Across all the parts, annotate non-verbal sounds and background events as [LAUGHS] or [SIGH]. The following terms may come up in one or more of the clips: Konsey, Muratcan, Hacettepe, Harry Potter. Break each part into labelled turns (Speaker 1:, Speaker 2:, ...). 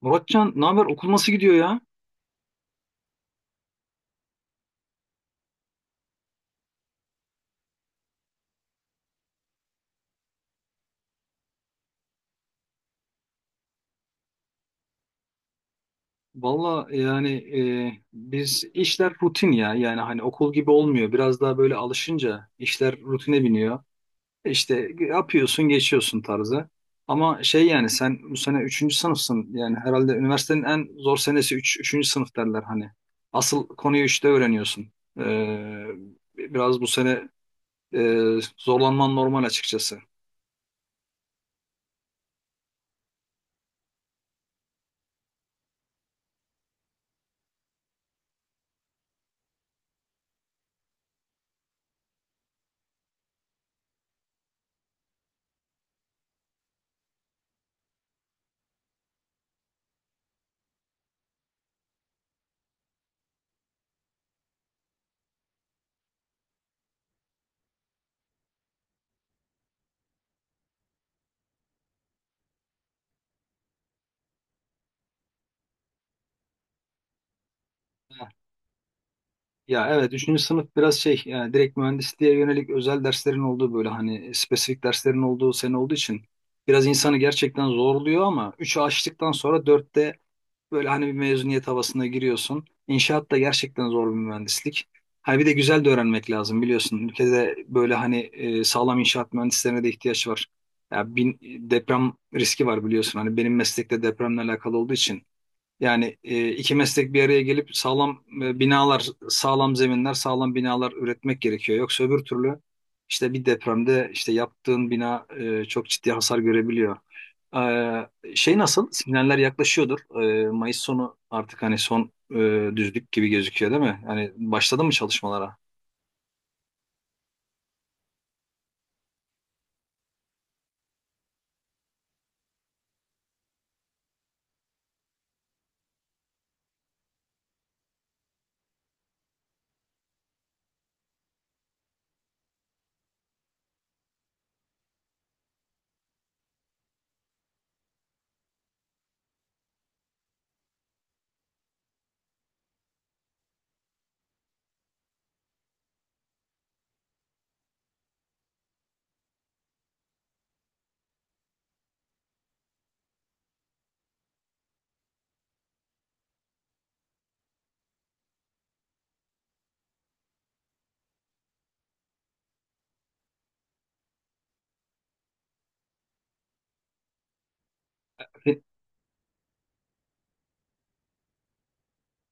Speaker 1: Muratcan, ne haber? Okul nasıl gidiyor ya? Valla yani biz işler rutin ya. Yani hani okul gibi olmuyor. Biraz daha böyle alışınca işler rutine biniyor. İşte yapıyorsun, geçiyorsun tarzı. Ama şey yani sen bu sene üçüncü sınıfsın. Yani herhalde üniversitenin en zor senesi üçüncü sınıf derler hani. Asıl konuyu 3'te öğreniyorsun. Ee, biraz bu sene e, zorlanman normal açıkçası. Ya evet, üçüncü sınıf biraz şey yani direkt mühendisliğe yönelik özel derslerin olduğu böyle hani spesifik derslerin olduğu sene olduğu için biraz insanı gerçekten zorluyor ama 3'ü açtıktan sonra dörtte böyle hani bir mezuniyet havasına giriyorsun. İnşaat da gerçekten zor bir mühendislik. Ha bir de güzel de öğrenmek lazım biliyorsun. Ülkede böyle hani sağlam inşaat mühendislerine de ihtiyaç var. Ya bin, deprem riski var biliyorsun. Hani benim meslekte depremle alakalı olduğu için yani iki meslek bir araya gelip sağlam binalar, sağlam zeminler, sağlam binalar üretmek gerekiyor. Yoksa öbür türlü işte bir depremde işte yaptığın bina çok ciddi hasar görebiliyor. Şey nasıl? Sinyaller yaklaşıyordur. E, Mayıs sonu artık hani son düzlük gibi gözüküyor değil mi? Yani başladı mı çalışmalara?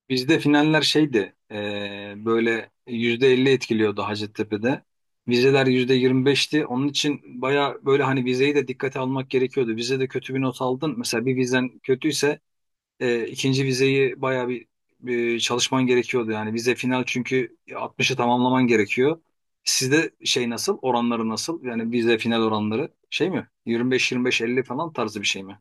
Speaker 1: Bizde finaller şeydi böyle %50 etkiliyordu Hacettepe'de. Vizeler yüzde yirmi beşti. Onun için baya böyle hani vizeyi de dikkate almak gerekiyordu. Vizede kötü bir not aldın. Mesela bir vizen kötüyse ikinci vizeyi bir çalışman gerekiyordu. Yani vize final çünkü altmışı tamamlaman gerekiyor. Sizde şey nasıl? Oranları nasıl? Yani vize final oranları şey mi? Yirmi beş yirmi beş elli falan tarzı bir şey mi?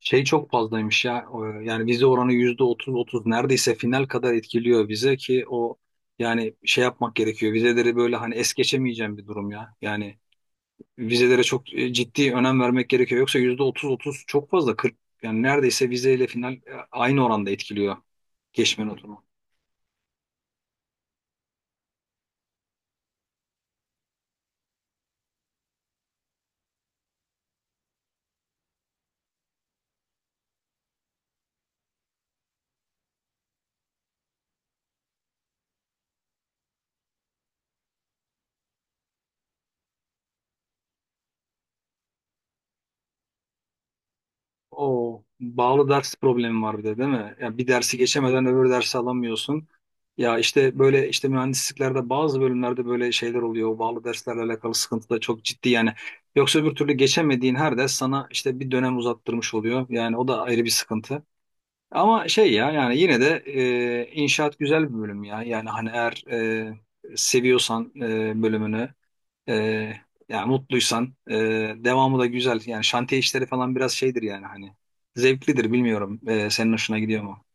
Speaker 1: Şey çok fazlaymış ya. Yani vize oranı yüzde otuz otuz neredeyse final kadar etkiliyor vize ki o yani şey yapmak gerekiyor. Vizeleri böyle hani es geçemeyeceğim bir durum ya. Yani vizelere çok ciddi önem vermek gerekiyor. Yoksa yüzde otuz otuz çok fazla 40 yani neredeyse vizeyle final aynı oranda etkiliyor geçme notunu. O bağlı ders problemi var bir de değil mi? Ya bir dersi geçemeden öbür dersi alamıyorsun. Ya işte böyle işte mühendisliklerde bazı bölümlerde böyle şeyler oluyor. O bağlı derslerle alakalı sıkıntı da çok ciddi yani. Yoksa öbür türlü geçemediğin her ders sana işte bir dönem uzattırmış oluyor. Yani o da ayrı bir sıkıntı. Ama şey ya yani yine de inşaat güzel bir bölüm ya. Yani hani eğer seviyorsan bölümünü ee, yani mutluysan devamı da güzel. Yani şantiye işleri falan biraz şeydir yani hani zevklidir bilmiyorum. Senin hoşuna gidiyor mu?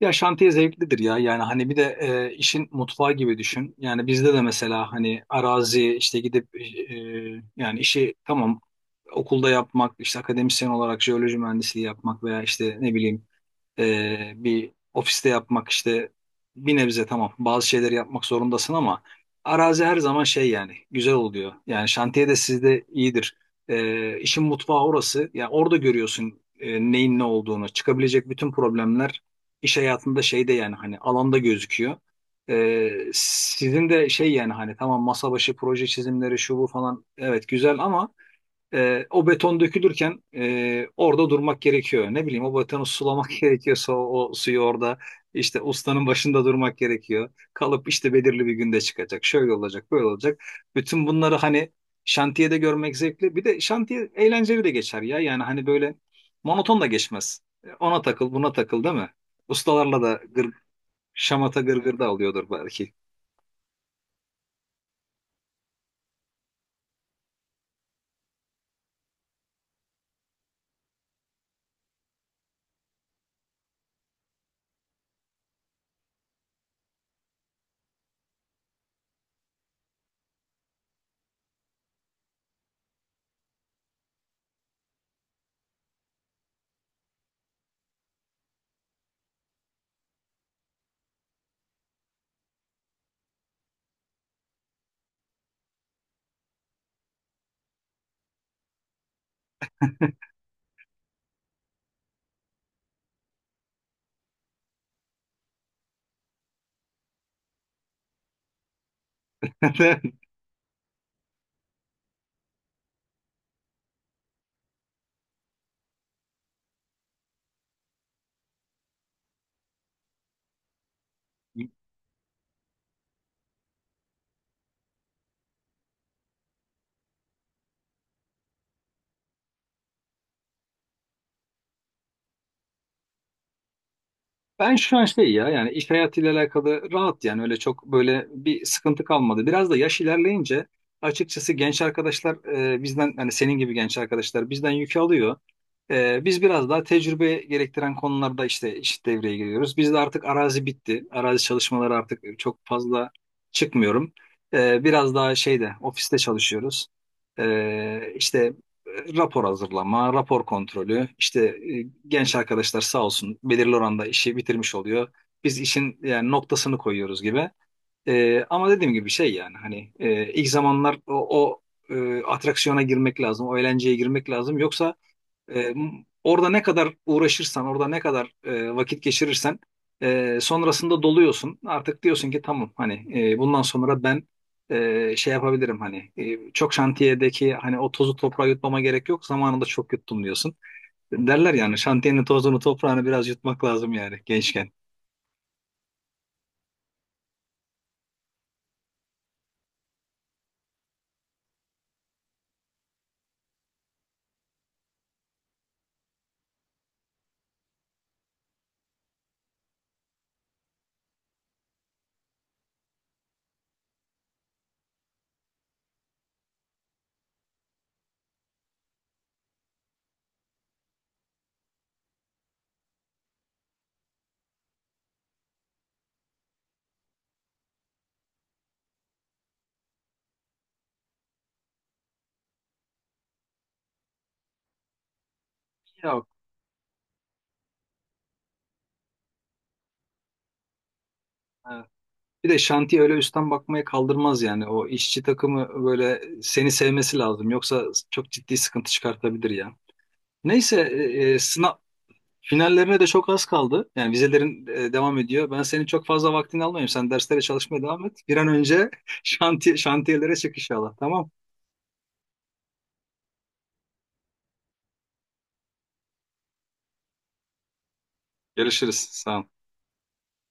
Speaker 1: Ya şantiye zevklidir ya yani hani bir de işin mutfağı gibi düşün. Yani bizde de mesela hani arazi işte gidip yani işi tamam okulda yapmak işte akademisyen olarak jeoloji mühendisliği yapmak veya işte ne bileyim bir ofiste yapmak işte bir nebze tamam bazı şeyleri yapmak zorundasın ama arazi her zaman şey yani güzel oluyor. Yani şantiye de sizde iyidir. İşin mutfağı orası. Yani orada görüyorsun neyin ne olduğunu. Çıkabilecek bütün problemler iş hayatında şeyde yani hani alanda gözüküyor. Sizin de şey yani hani tamam masa başı proje çizimleri şu bu falan evet güzel ama o beton dökülürken orada durmak gerekiyor. Ne bileyim o betonu sulamak [LAUGHS] gerekiyorsa o suyu orada işte ustanın başında durmak gerekiyor. Kalıp işte belirli bir günde çıkacak. Şöyle olacak, böyle olacak. Bütün bunları hani şantiyede görmek zevkli. Bir de şantiye eğlenceli de geçer ya. Yani hani böyle monoton da geçmez. Ona takıl, buna takıl, değil mi? Ustalarla da gır, şamata gırgır da alıyordur belki. [LAUGHS] Ben şu an şey ya yani iş hayatıyla alakalı rahat yani öyle çok böyle bir sıkıntı kalmadı. Biraz da yaş ilerleyince açıkçası genç arkadaşlar bizden hani senin gibi genç arkadaşlar bizden yük alıyor. Biz biraz daha tecrübe gerektiren konularda işte devreye giriyoruz. Bizde artık arazi bitti. Arazi çalışmaları artık çok fazla çıkmıyorum. Biraz daha şeyde ofiste çalışıyoruz. İşte rapor hazırlama, rapor kontrolü. İşte genç arkadaşlar sağ olsun belirli oranda işi bitirmiş oluyor. Biz işin yani noktasını koyuyoruz gibi. Ama dediğim gibi şey yani hani ilk zamanlar o atraksiyona girmek lazım, o eğlenceye girmek lazım. Yoksa e, orada ne kadar uğraşırsan, orada ne kadar vakit geçirirsen sonrasında doluyorsun. Artık diyorsun ki tamam hani bundan sonra ben şey yapabilirim hani çok şantiyedeki hani o tozu toprağa yutmama gerek yok. Zamanında çok yuttum diyorsun. Derler yani şantiyenin tozunu toprağını biraz yutmak lazım yani gençken. Yok, evet. Bir de şantiye öyle üstten bakmaya kaldırmaz yani. O işçi takımı böyle seni sevmesi lazım. Yoksa çok ciddi sıkıntı çıkartabilir ya. Neyse, e, e, sına- Finallerine de çok az kaldı. Yani vizelerin devam ediyor. Ben senin çok fazla vaktini almayayım. Sen derslere çalışmaya devam et. Bir an önce [LAUGHS] şantiyelere çık inşallah. Tamam. Görüşürüz. Sağ ol.